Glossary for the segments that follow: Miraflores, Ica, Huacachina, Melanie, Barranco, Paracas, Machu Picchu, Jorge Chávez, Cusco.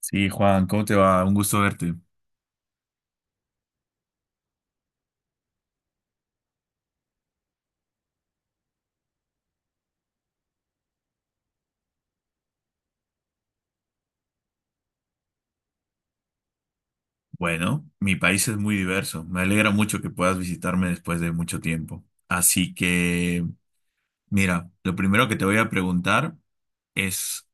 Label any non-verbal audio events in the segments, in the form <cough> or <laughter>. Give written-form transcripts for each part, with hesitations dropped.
Sí, Juan, ¿cómo te va? Un gusto verte. Bueno, mi país es muy diverso. Me alegra mucho que puedas visitarme después de mucho tiempo. Así que, mira, lo primero que te voy a preguntar es,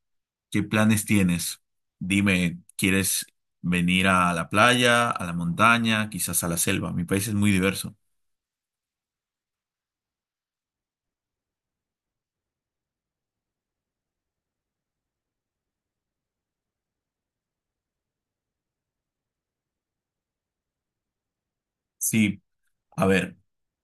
¿qué planes tienes? Dime, ¿quieres venir a la playa, a la montaña, quizás a la selva? Mi país es muy diverso. Sí, a ver,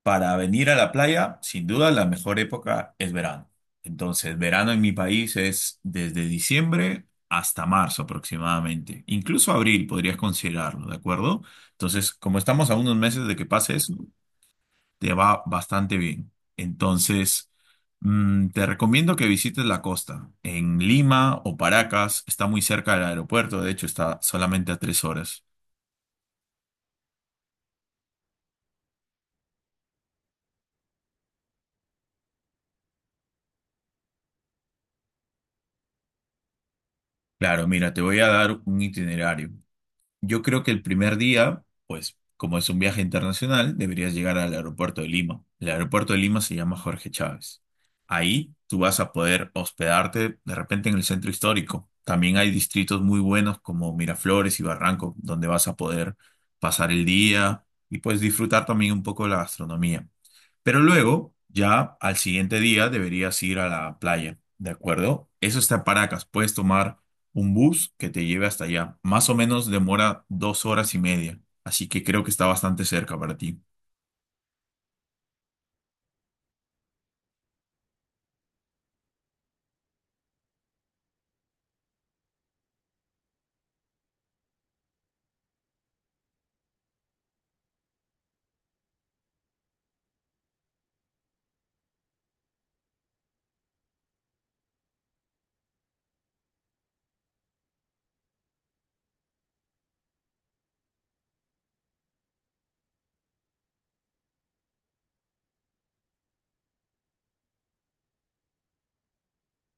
para venir a la playa, sin duda la mejor época es verano. Entonces, verano en mi país es desde diciembre hasta marzo aproximadamente. Incluso abril podrías considerarlo, ¿de acuerdo? Entonces, como estamos a unos meses de que pase eso, te va bastante bien. Entonces, te recomiendo que visites la costa. En Lima o Paracas, está muy cerca del aeropuerto, de hecho está solamente a 3 horas. Claro, mira, te voy a dar un itinerario. Yo creo que el primer día, pues como es un viaje internacional, deberías llegar al aeropuerto de Lima. El aeropuerto de Lima se llama Jorge Chávez. Ahí tú vas a poder hospedarte de repente en el centro histórico. También hay distritos muy buenos como Miraflores y Barranco, donde vas a poder pasar el día y pues disfrutar también un poco de la gastronomía. Pero luego, ya al siguiente día, deberías ir a la playa, ¿de acuerdo? Eso está en Paracas. Puedes tomar un bus que te lleve hasta allá. Más o menos demora 2 horas y media, así que creo que está bastante cerca para ti.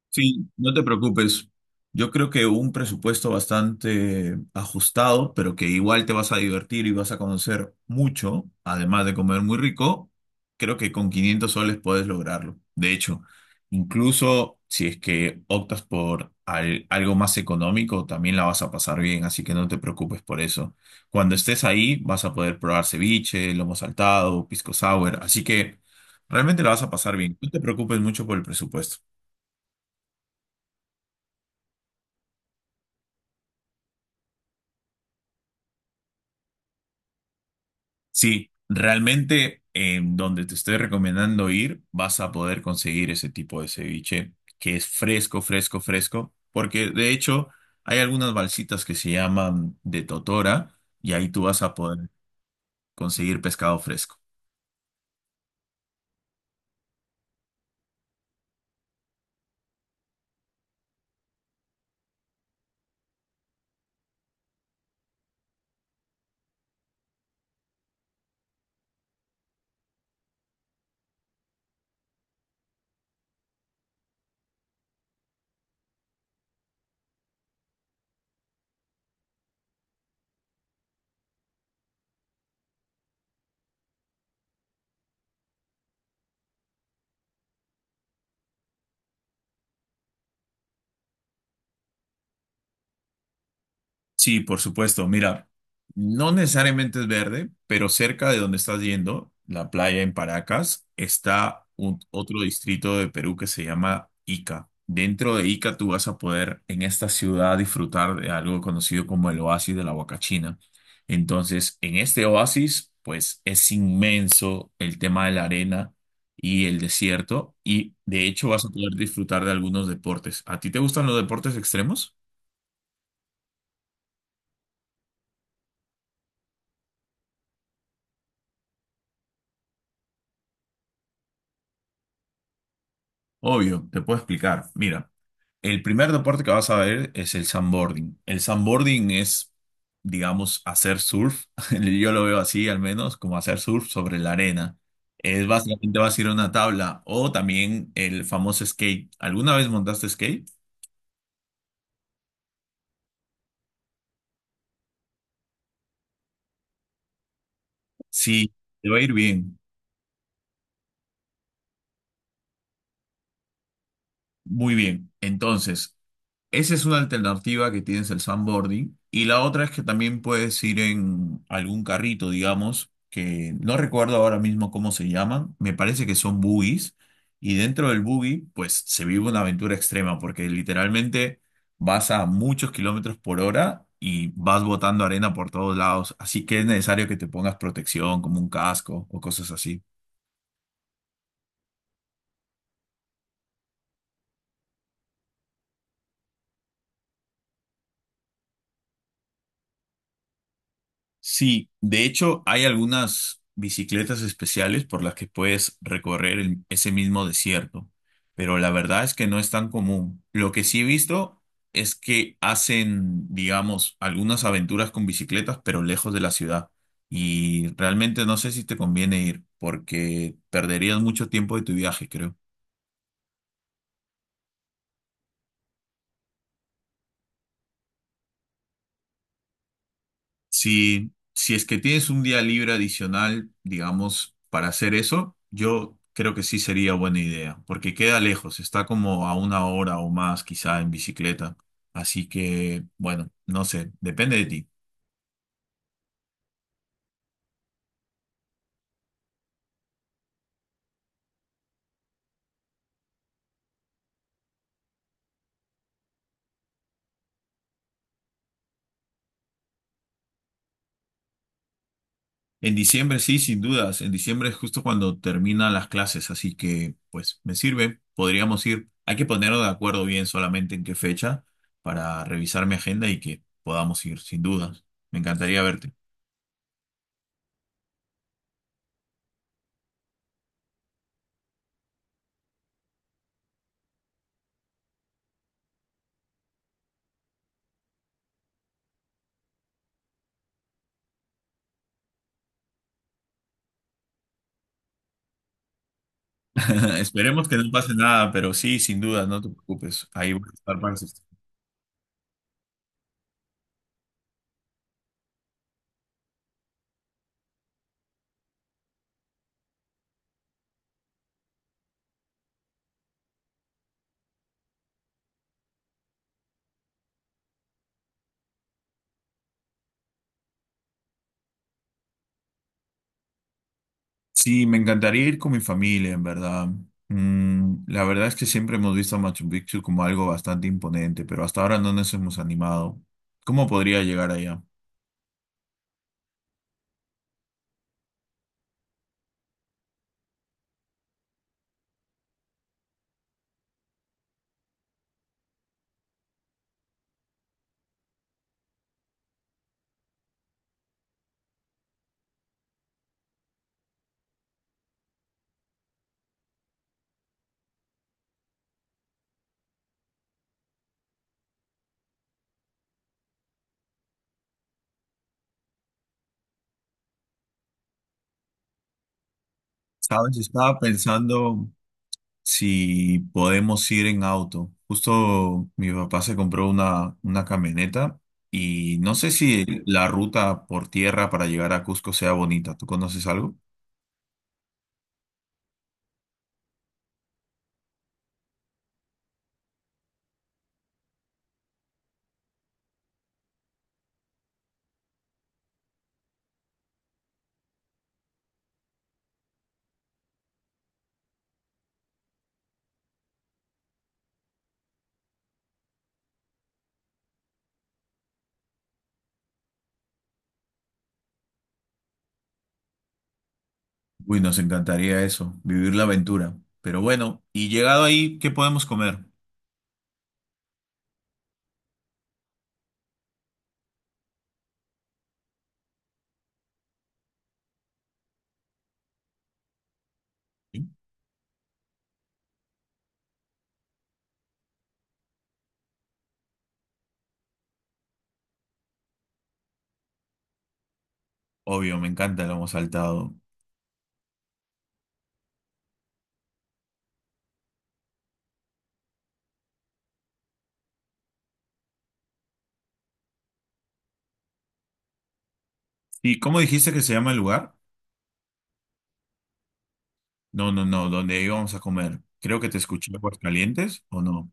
Sí, no te preocupes. Yo creo que un presupuesto bastante ajustado, pero que igual te vas a divertir y vas a conocer mucho, además de comer muy rico, creo que con 500 soles puedes lograrlo. De hecho, incluso si es que optas por algo más económico, también la vas a pasar bien, así que no te preocupes por eso. Cuando estés ahí, vas a poder probar ceviche, lomo saltado, pisco sour, así que realmente la vas a pasar bien. No te preocupes mucho por el presupuesto. Sí, realmente en donde te estoy recomendando ir, vas a poder conseguir ese tipo de ceviche que es fresco, fresco, fresco, porque de hecho hay algunas balsitas que se llaman de totora y ahí tú vas a poder conseguir pescado fresco. Sí, por supuesto. Mira, no necesariamente es verde, pero cerca de donde estás yendo, la playa en Paracas, está otro distrito de Perú que se llama Ica. Dentro de Ica tú vas a poder en esta ciudad disfrutar de algo conocido como el oasis de la Huacachina. Entonces, en este oasis, pues es inmenso el tema de la arena y el desierto y de hecho vas a poder disfrutar de algunos deportes. ¿A ti te gustan los deportes extremos? Obvio, te puedo explicar. Mira. El primer deporte que vas a ver es el sandboarding. El sandboarding es, digamos, hacer surf. <laughs> Yo lo veo así, al menos, como hacer surf sobre la arena. Es básicamente vas a ir a una tabla o también el famoso skate. ¿Alguna vez montaste skate? Sí, te va a ir bien, muy bien. Entonces, esa es una alternativa que tienes el sandboarding. Y la otra es que también puedes ir en algún carrito, digamos, que no recuerdo ahora mismo cómo se llaman. Me parece que son buggies. Y dentro del buggy, pues se vive una aventura extrema, porque literalmente vas a muchos kilómetros por hora y vas botando arena por todos lados. Así que es necesario que te pongas protección, como un casco o cosas así. Sí, de hecho hay algunas bicicletas especiales por las que puedes recorrer ese mismo desierto, pero la verdad es que no es tan común. Lo que sí he visto es que hacen, digamos, algunas aventuras con bicicletas, pero lejos de la ciudad. Y realmente no sé si te conviene ir, porque perderías mucho tiempo de tu viaje, creo. Si es que tienes un día libre adicional, digamos, para hacer eso, yo creo que sí sería buena idea, porque queda lejos, está como a una hora o más quizá en bicicleta. Así que, bueno, no sé, depende de ti. En diciembre sí, sin dudas, en diciembre es justo cuando terminan las clases, así que, pues, me sirve, podríamos ir. Hay que ponernos de acuerdo bien solamente en qué fecha para revisar mi agenda y que podamos ir, sin dudas. Me encantaría verte. <laughs> Esperemos que no pase nada, pero sí, sin duda, no te preocupes. Ahí voy a estar para asistir. Sí, me encantaría ir con mi familia, en verdad. La verdad es que siempre hemos visto a Machu Picchu como algo bastante imponente, pero hasta ahora no nos hemos animado. ¿Cómo podría llegar allá? Sabes, estaba pensando si podemos ir en auto. Justo mi papá se compró una camioneta y no sé si la ruta por tierra para llegar a Cusco sea bonita. ¿Tú conoces algo? Uy, nos encantaría eso, vivir la aventura. Pero bueno, y llegado ahí, ¿qué podemos comer? Sí. Obvio, me encanta el lomo saltado. ¿Y cómo dijiste que se llama el lugar? No, no, no, donde íbamos a comer. Creo que te escuché Aguascalientes, ¿o no?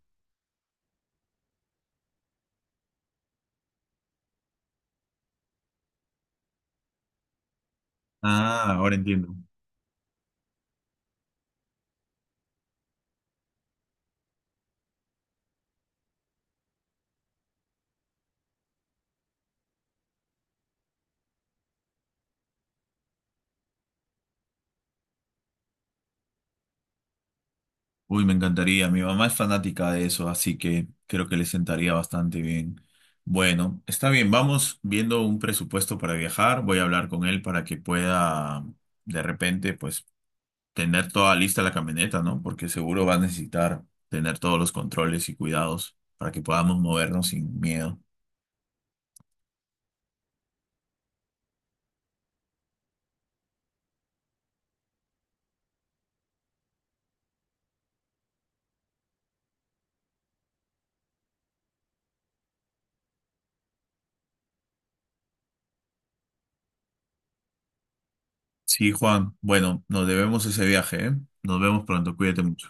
Ah, ahora entiendo. Uy, me encantaría. Mi mamá es fanática de eso, así que creo que le sentaría bastante bien. Bueno, está bien, vamos viendo un presupuesto para viajar. Voy a hablar con él para que pueda, de repente, pues tener toda lista la camioneta, ¿no? Porque seguro va a necesitar tener todos los controles y cuidados para que podamos movernos sin miedo. Sí, Juan, bueno, nos debemos ese viaje, ¿eh? Nos vemos pronto, cuídate mucho.